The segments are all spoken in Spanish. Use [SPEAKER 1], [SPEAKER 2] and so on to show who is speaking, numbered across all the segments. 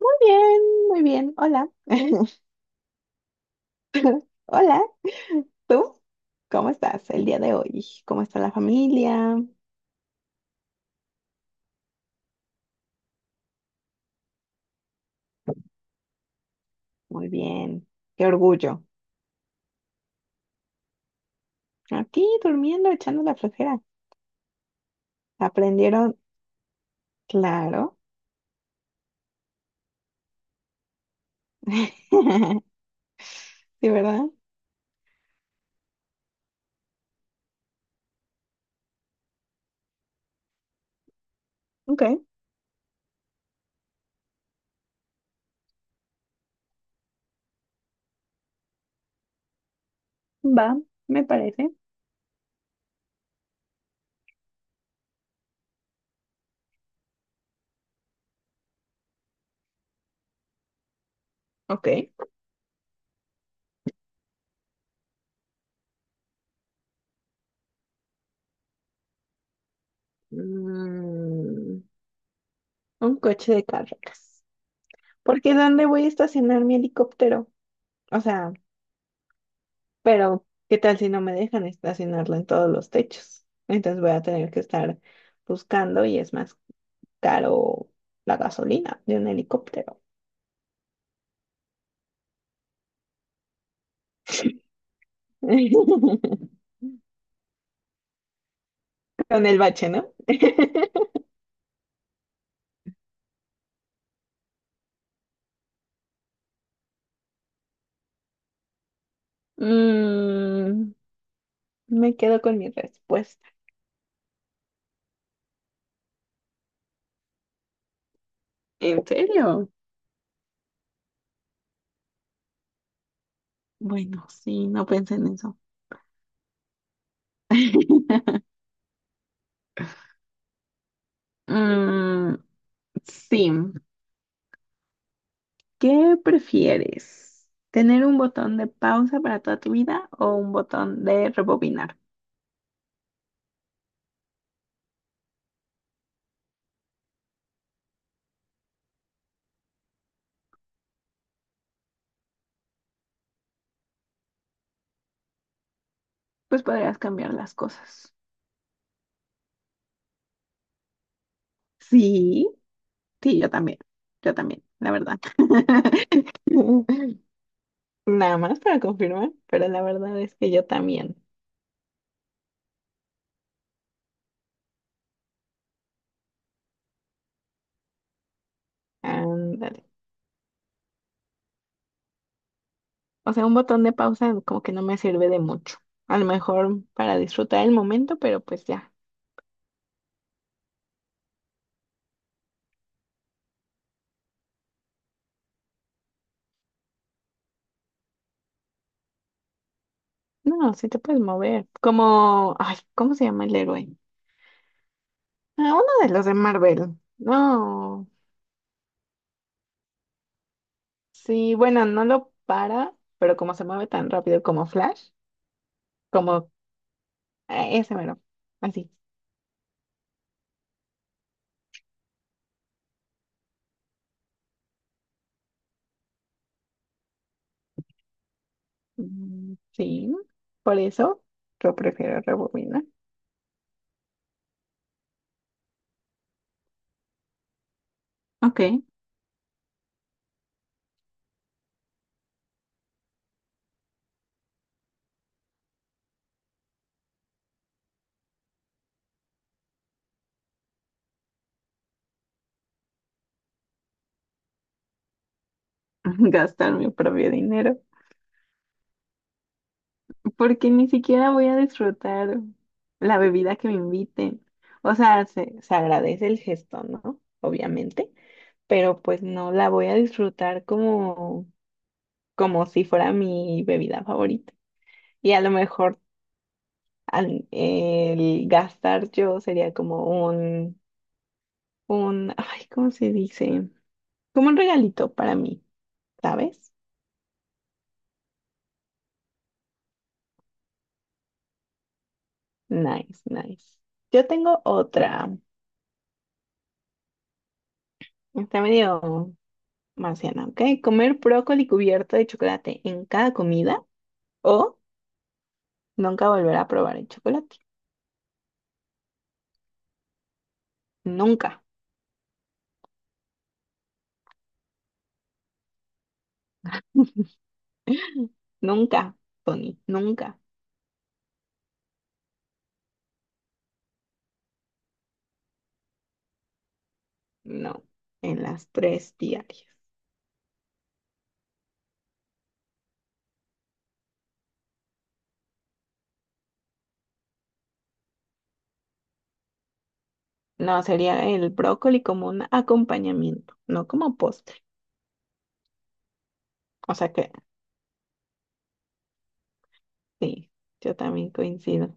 [SPEAKER 1] Muy bien, muy bien. Hola. Hola. ¿Tú? ¿Cómo estás el día de hoy? ¿Cómo está la familia? Muy bien. Qué orgullo. Aquí durmiendo, echando la flojera. Aprendieron, claro. Sí, ¿verdad? Ok, va, me parece. Ok. Mm, un coche de carreras. Porque, ¿dónde voy a estacionar mi helicóptero? O sea. Pero, ¿qué tal si no me dejan estacionarlo en todos los techos? Entonces voy a tener que estar buscando y es más caro la gasolina de un helicóptero. Con el bache, ¿no? Mm, Me quedo con mi respuesta. ¿En serio? Bueno, sí, no pensé en eso. Mm, sí. ¿Qué prefieres? ¿Tener un botón de pausa para toda tu vida o un botón de rebobinar? Pues podrías cambiar las cosas. Sí, sí, yo también, la verdad. Nada más para confirmar, pero la verdad es que yo también. Ándale. O sea, un botón de pausa como que no me sirve de mucho. A lo mejor para disfrutar el momento, pero pues ya. No, sí te puedes mover. Como, ay, ¿cómo se llama el héroe? Ah, uno de los de Marvel. No, sí, bueno, no lo para, pero como se mueve tan rápido como Flash, como Ah, ese mero, así. Mm, sí, por eso yo prefiero rebobinar. Ok, gastar mi propio dinero, porque ni siquiera voy a disfrutar la bebida que me inviten. O sea, se agradece el gesto, ¿no? Obviamente, pero pues no la voy a disfrutar como si fuera mi bebida favorita. Y a lo mejor el gastar yo sería como un, ay, ¿cómo se dice? Como un regalito para mí, ¿sabes? Nice, nice. Yo tengo otra. Está medio marciana, ¿ok? Comer brócoli cubierto de chocolate en cada comida o nunca volver a probar el chocolate. Nunca, nunca, Tony, nunca. No, en las tres diarias. No, sería el brócoli como un acompañamiento, no como postre. O sea que sí, yo también coincido.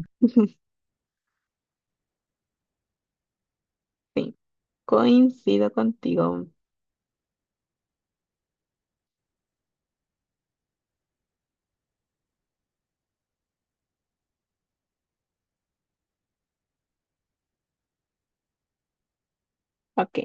[SPEAKER 1] Sí, coincido contigo. Ok.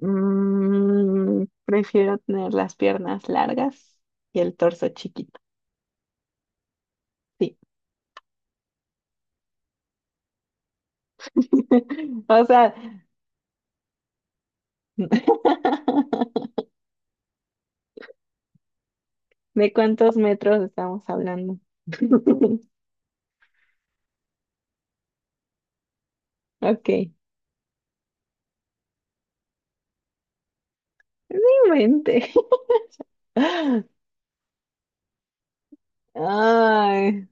[SPEAKER 1] Prefiero tener las piernas largas y el torso chiquito. Sí. O sea, ¿de cuántos metros estamos hablando? Ok. Mente. Ay,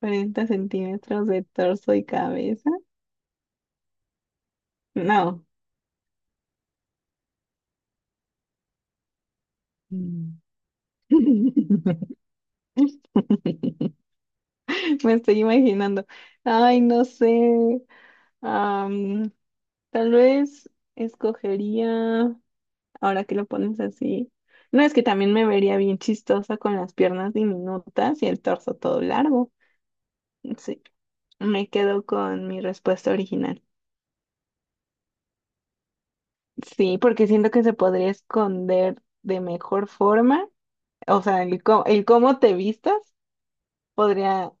[SPEAKER 1] 40 centímetros de torso y cabeza. No. Mm. Me estoy imaginando. Ay, no sé. Tal vez escogería, ahora que lo pones así, no es que también me vería bien chistosa con las piernas diminutas y el torso todo largo. Sí, me quedo con mi respuesta original. Sí, porque siento que se podría esconder de mejor forma. O sea, el cómo te vistas podría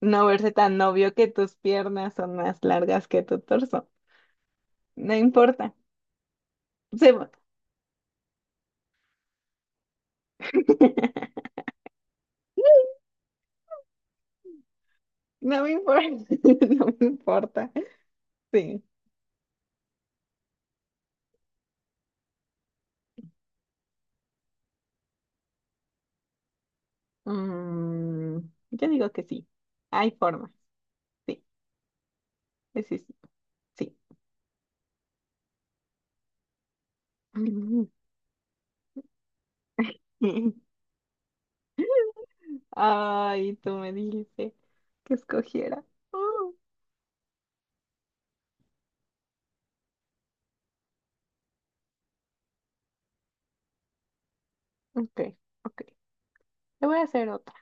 [SPEAKER 1] no verse tan obvio que tus piernas son más largas que tu torso. No importa. Se- va- No me importa. No me importa. Sí. Mm, yo digo que sí. Hay forma. Sí, sí, sí, sí. Ay, tú me dijiste que escogiera. Uh, ok, ok. Te voy a hacer otra.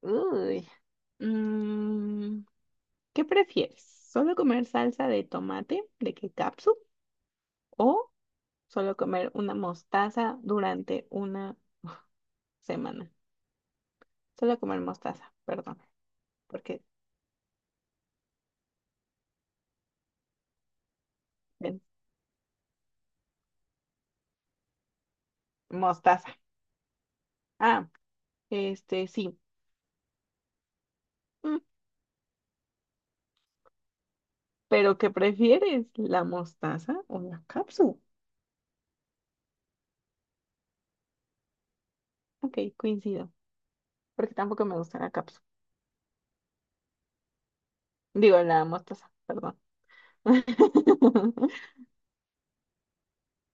[SPEAKER 1] Uy. Mm, ¿qué prefieres? ¿Solo comer salsa de tomate de ketchup o solo comer una mostaza durante una semana? Solo comer mostaza, perdón, porque ven, mostaza. Ah, este, sí. Mm, ¿Pero qué prefieres? ¿La mostaza o la cápsula? Ok, coincido, porque tampoco me gusta la cápsula. Digo, la mostaza, perdón.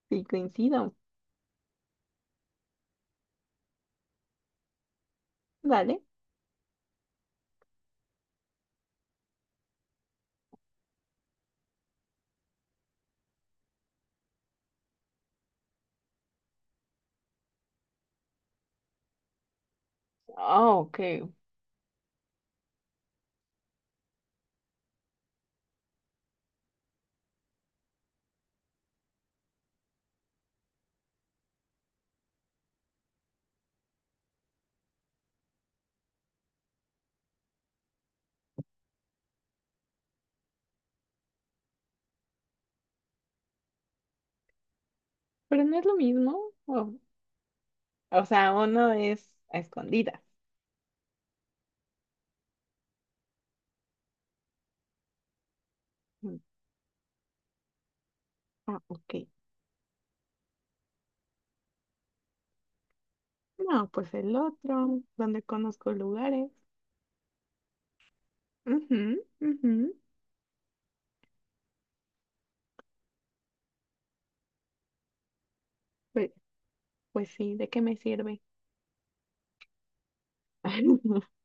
[SPEAKER 1] Sí, coincido. Dale. Oh, ok. Pero no es lo mismo. O, o sea, uno es a escondidas. Mm, ah, ok. No, pues el otro, donde conozco lugares. Ujú, ujú. Pues, pues sí, ¿de qué me sirve?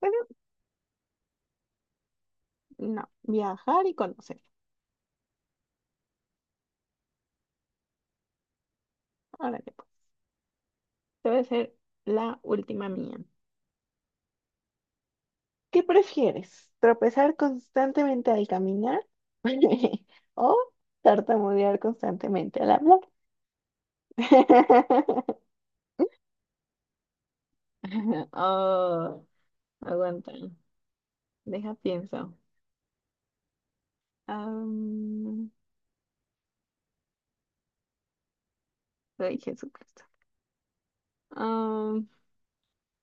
[SPEAKER 1] Pero no, viajar y conocer. Órale. Debe ser la última mía. ¿Qué prefieres? ¿Tropezar constantemente al caminar o tartamudear constantemente al hablar? Oh, aguanta. Deja, pienso. Am, ay, Jesucristo. Am,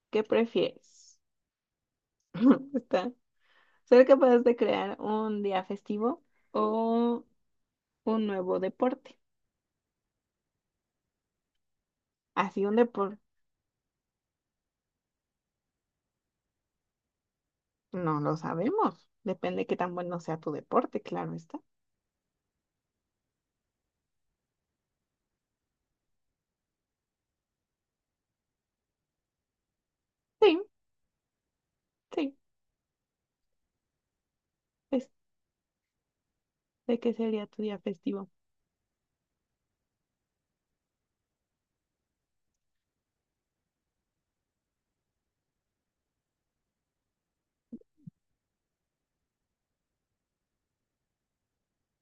[SPEAKER 1] ¿qué prefieres? Está. ¿Ser capaz de crear un día festivo o un nuevo deporte? Así un deporte. No lo sabemos. Depende de qué tan bueno sea tu deporte, claro está. Sí, sí. Es de qué sería tu día festivo.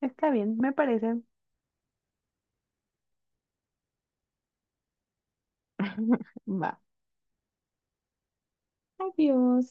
[SPEAKER 1] Está bien, me parece. Va. Adiós.